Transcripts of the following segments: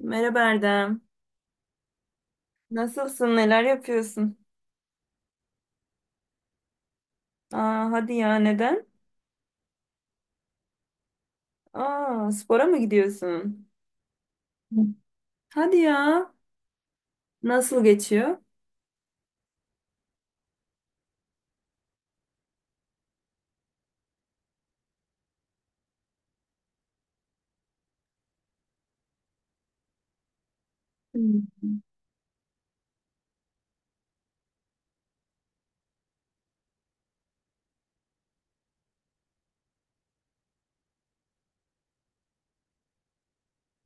Merhaba Erdem. Nasılsın? Neler yapıyorsun? Aa, hadi ya neden? Aa, spora mı gidiyorsun? Hı. Hadi ya. Nasıl geçiyor? Hı hı.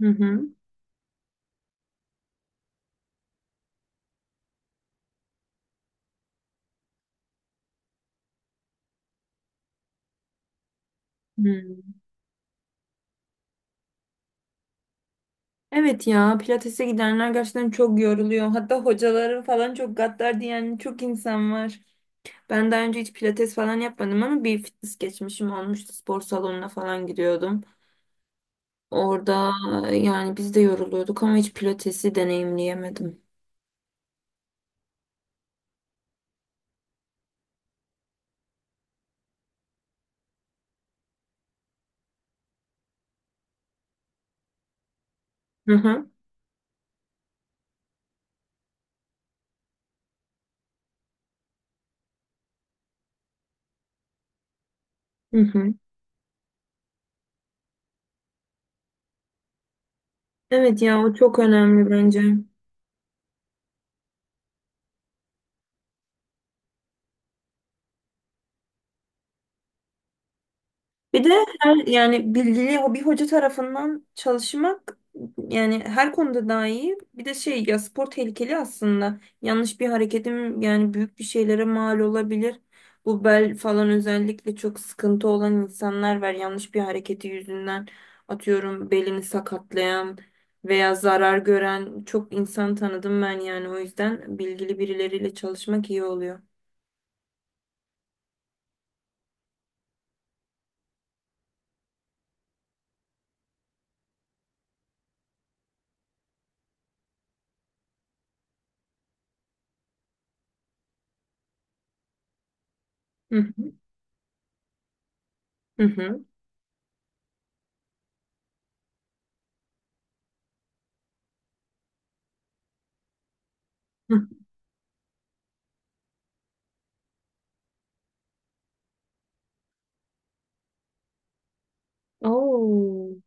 Hı. Hı. Evet ya pilatese gidenler gerçekten çok yoruluyor. Hatta hocaları falan çok gaddar diyen çok insan var. Ben daha önce hiç pilates falan yapmadım ama bir fitness geçmişim olmuştu. Spor salonuna falan gidiyordum. Orada yani biz de yoruluyorduk ama hiç pilatesi deneyimleyemedim. Hı hı. Hı hı. Evet ya o çok önemli bence. Bir de her yani bilgili bir hoca tarafından çalışmak yani her konuda daha iyi. Bir de şey ya spor tehlikeli aslında. Yanlış bir hareketim yani büyük bir şeylere mal olabilir. Bu bel falan özellikle çok sıkıntı olan insanlar var. Yanlış bir hareketi yüzünden atıyorum belini sakatlayan veya zarar gören çok insan tanıdım ben yani o yüzden bilgili birileriyle çalışmak iyi oluyor. Hı hı. Hı hı. Oo.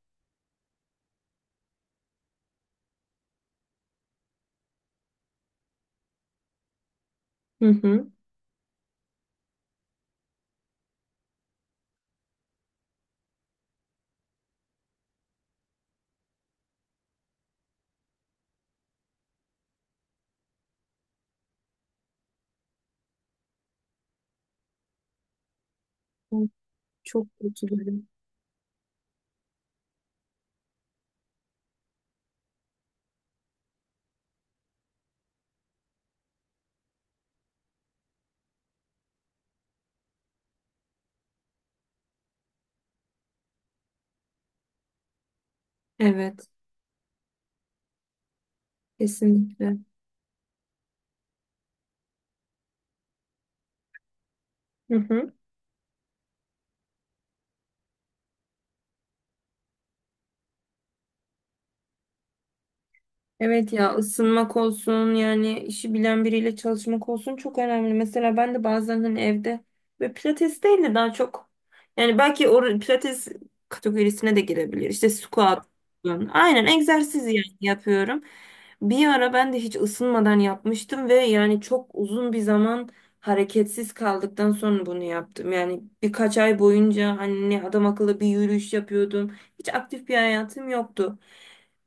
Hı hı. Çok kötü durum. Evet. Kesinlikle. Hı hı. Evet ya ısınmak olsun yani işi bilen biriyle çalışmak olsun çok önemli. Mesela ben de bazen hani evde ve pilates değil de daha çok yani belki o pilates kategorisine de girebilir. İşte squat falan. Aynen egzersiz yani yapıyorum. Bir ara ben de hiç ısınmadan yapmıştım ve yani çok uzun bir zaman hareketsiz kaldıktan sonra bunu yaptım. Yani birkaç ay boyunca hani adam akıllı bir yürüyüş yapıyordum. Hiç aktif bir hayatım yoktu.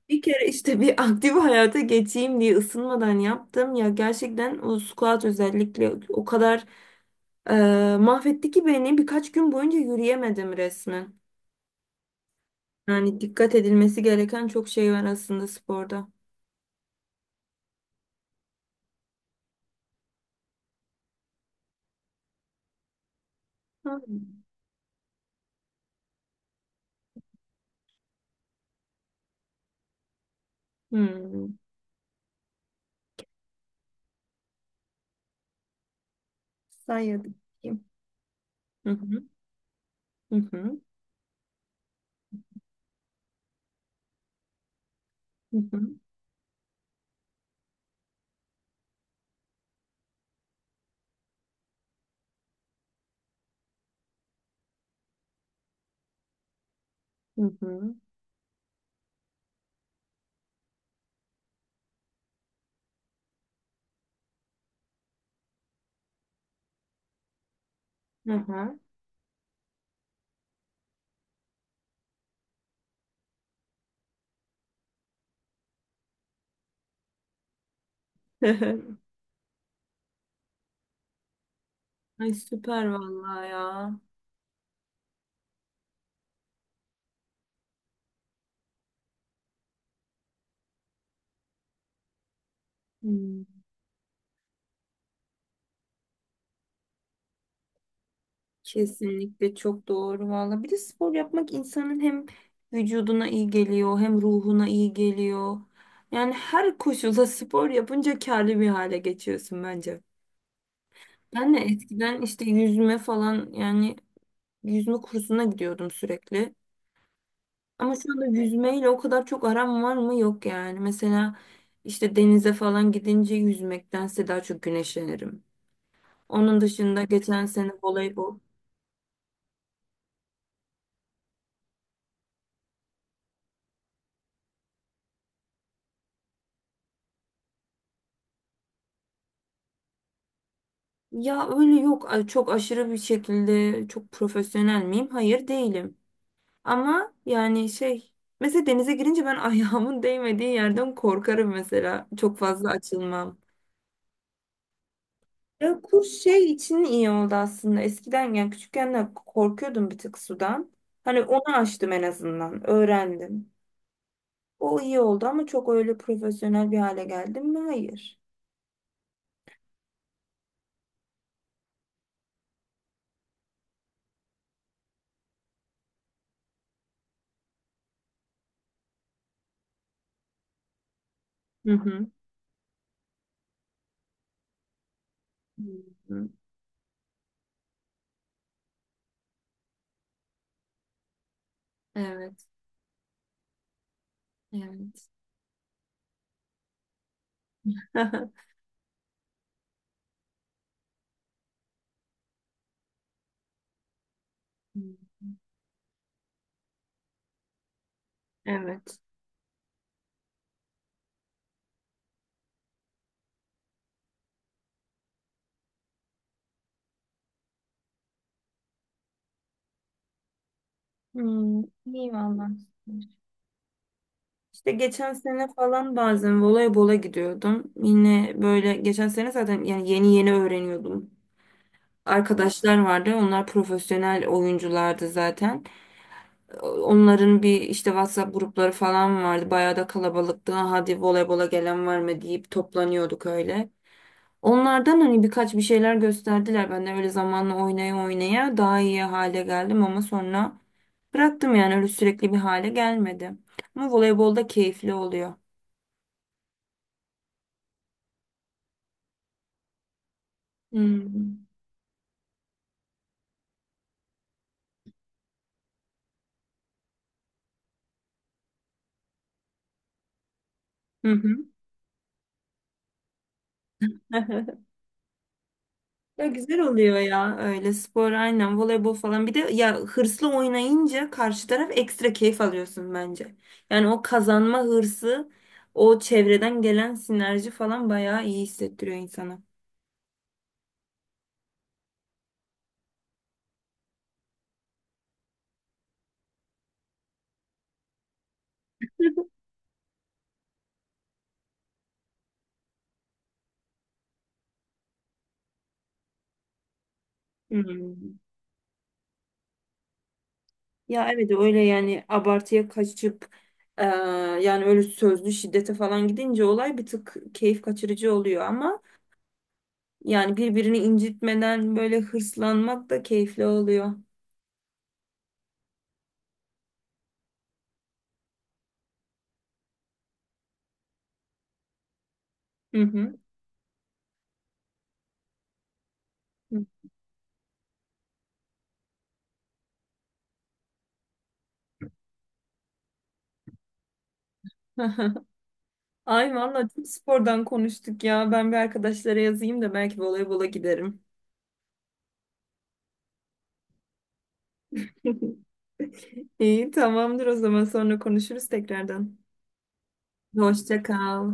Bir kere işte bir aktif hayata geçeyim diye ısınmadan yaptım. Ya gerçekten o squat özellikle o kadar mahvetti ki beni birkaç gün boyunca yürüyemedim resmen. Yani dikkat edilmesi gereken çok şey var aslında sporda. Hı. Hmm. Sayadım. Hı hı. Hı hı. Hı hı. Hı hı. Hı hı. Ay süper vallahi ya. Hmm. Kesinlikle çok doğru valla. Bir de spor yapmak insanın hem vücuduna iyi geliyor hem ruhuna iyi geliyor. Yani her koşulda spor yapınca kârlı bir hale geçiyorsun bence. Ben de eskiden işte yüzme falan yani yüzme kursuna gidiyordum sürekli. Ama şu anda yüzmeyle o kadar çok aram var mı? Yok yani. Mesela işte denize falan gidince yüzmektense daha çok güneşlenirim. Onun dışında geçen sene voleybol. Ya öyle yok, çok aşırı bir şekilde çok profesyonel miyim? Hayır, değilim. Ama yani şey, mesela denize girince ben ayağımın değmediği yerden korkarım mesela. Çok fazla açılmam. Ya kurs şey için iyi oldu aslında. Eskiden yani küçükken de korkuyordum bir tık sudan. Hani onu aştım en azından. Öğrendim. O iyi oldu ama çok öyle profesyonel bir hale geldim mi? Hayır. Hı hı. Hı hı. Evet. Evet. Evet. Hmm, iyi valla. İşte geçen sene falan bazen voleybola gidiyordum. Yine böyle geçen sene zaten yani yeni yeni öğreniyordum. Arkadaşlar vardı. Onlar profesyonel oyunculardı zaten. Onların bir işte WhatsApp grupları falan vardı. Bayağı da kalabalıktı. "Ha, hadi voleybola gelen var mı?" deyip toplanıyorduk öyle. Onlardan hani birkaç bir şeyler gösterdiler. Ben de öyle zamanla oynaya oynaya daha iyi hale geldim ama sonra bıraktım yani öyle sürekli bir hale gelmedi. Ama voleybolda keyifli oluyor. Hmm. Hı hı. Ya güzel oluyor ya öyle spor, aynen voleybol falan, bir de ya hırslı oynayınca karşı taraf ekstra keyif alıyorsun bence. Yani o kazanma hırsı, o çevreden gelen sinerji falan bayağı iyi hissettiriyor insana. Hmm. Ya evet öyle, yani abartıya kaçıp, eee, yani öyle sözlü şiddete falan gidince olay bir tık keyif kaçırıcı oluyor ama yani birbirini incitmeden böyle hırslanmak da keyifli oluyor. Hı hı. Ay valla çok spordan konuştuk ya. Ben bir arkadaşlara yazayım da belki voleybola giderim. İyi, tamamdır o zaman, sonra konuşuruz tekrardan. Hoşça kal.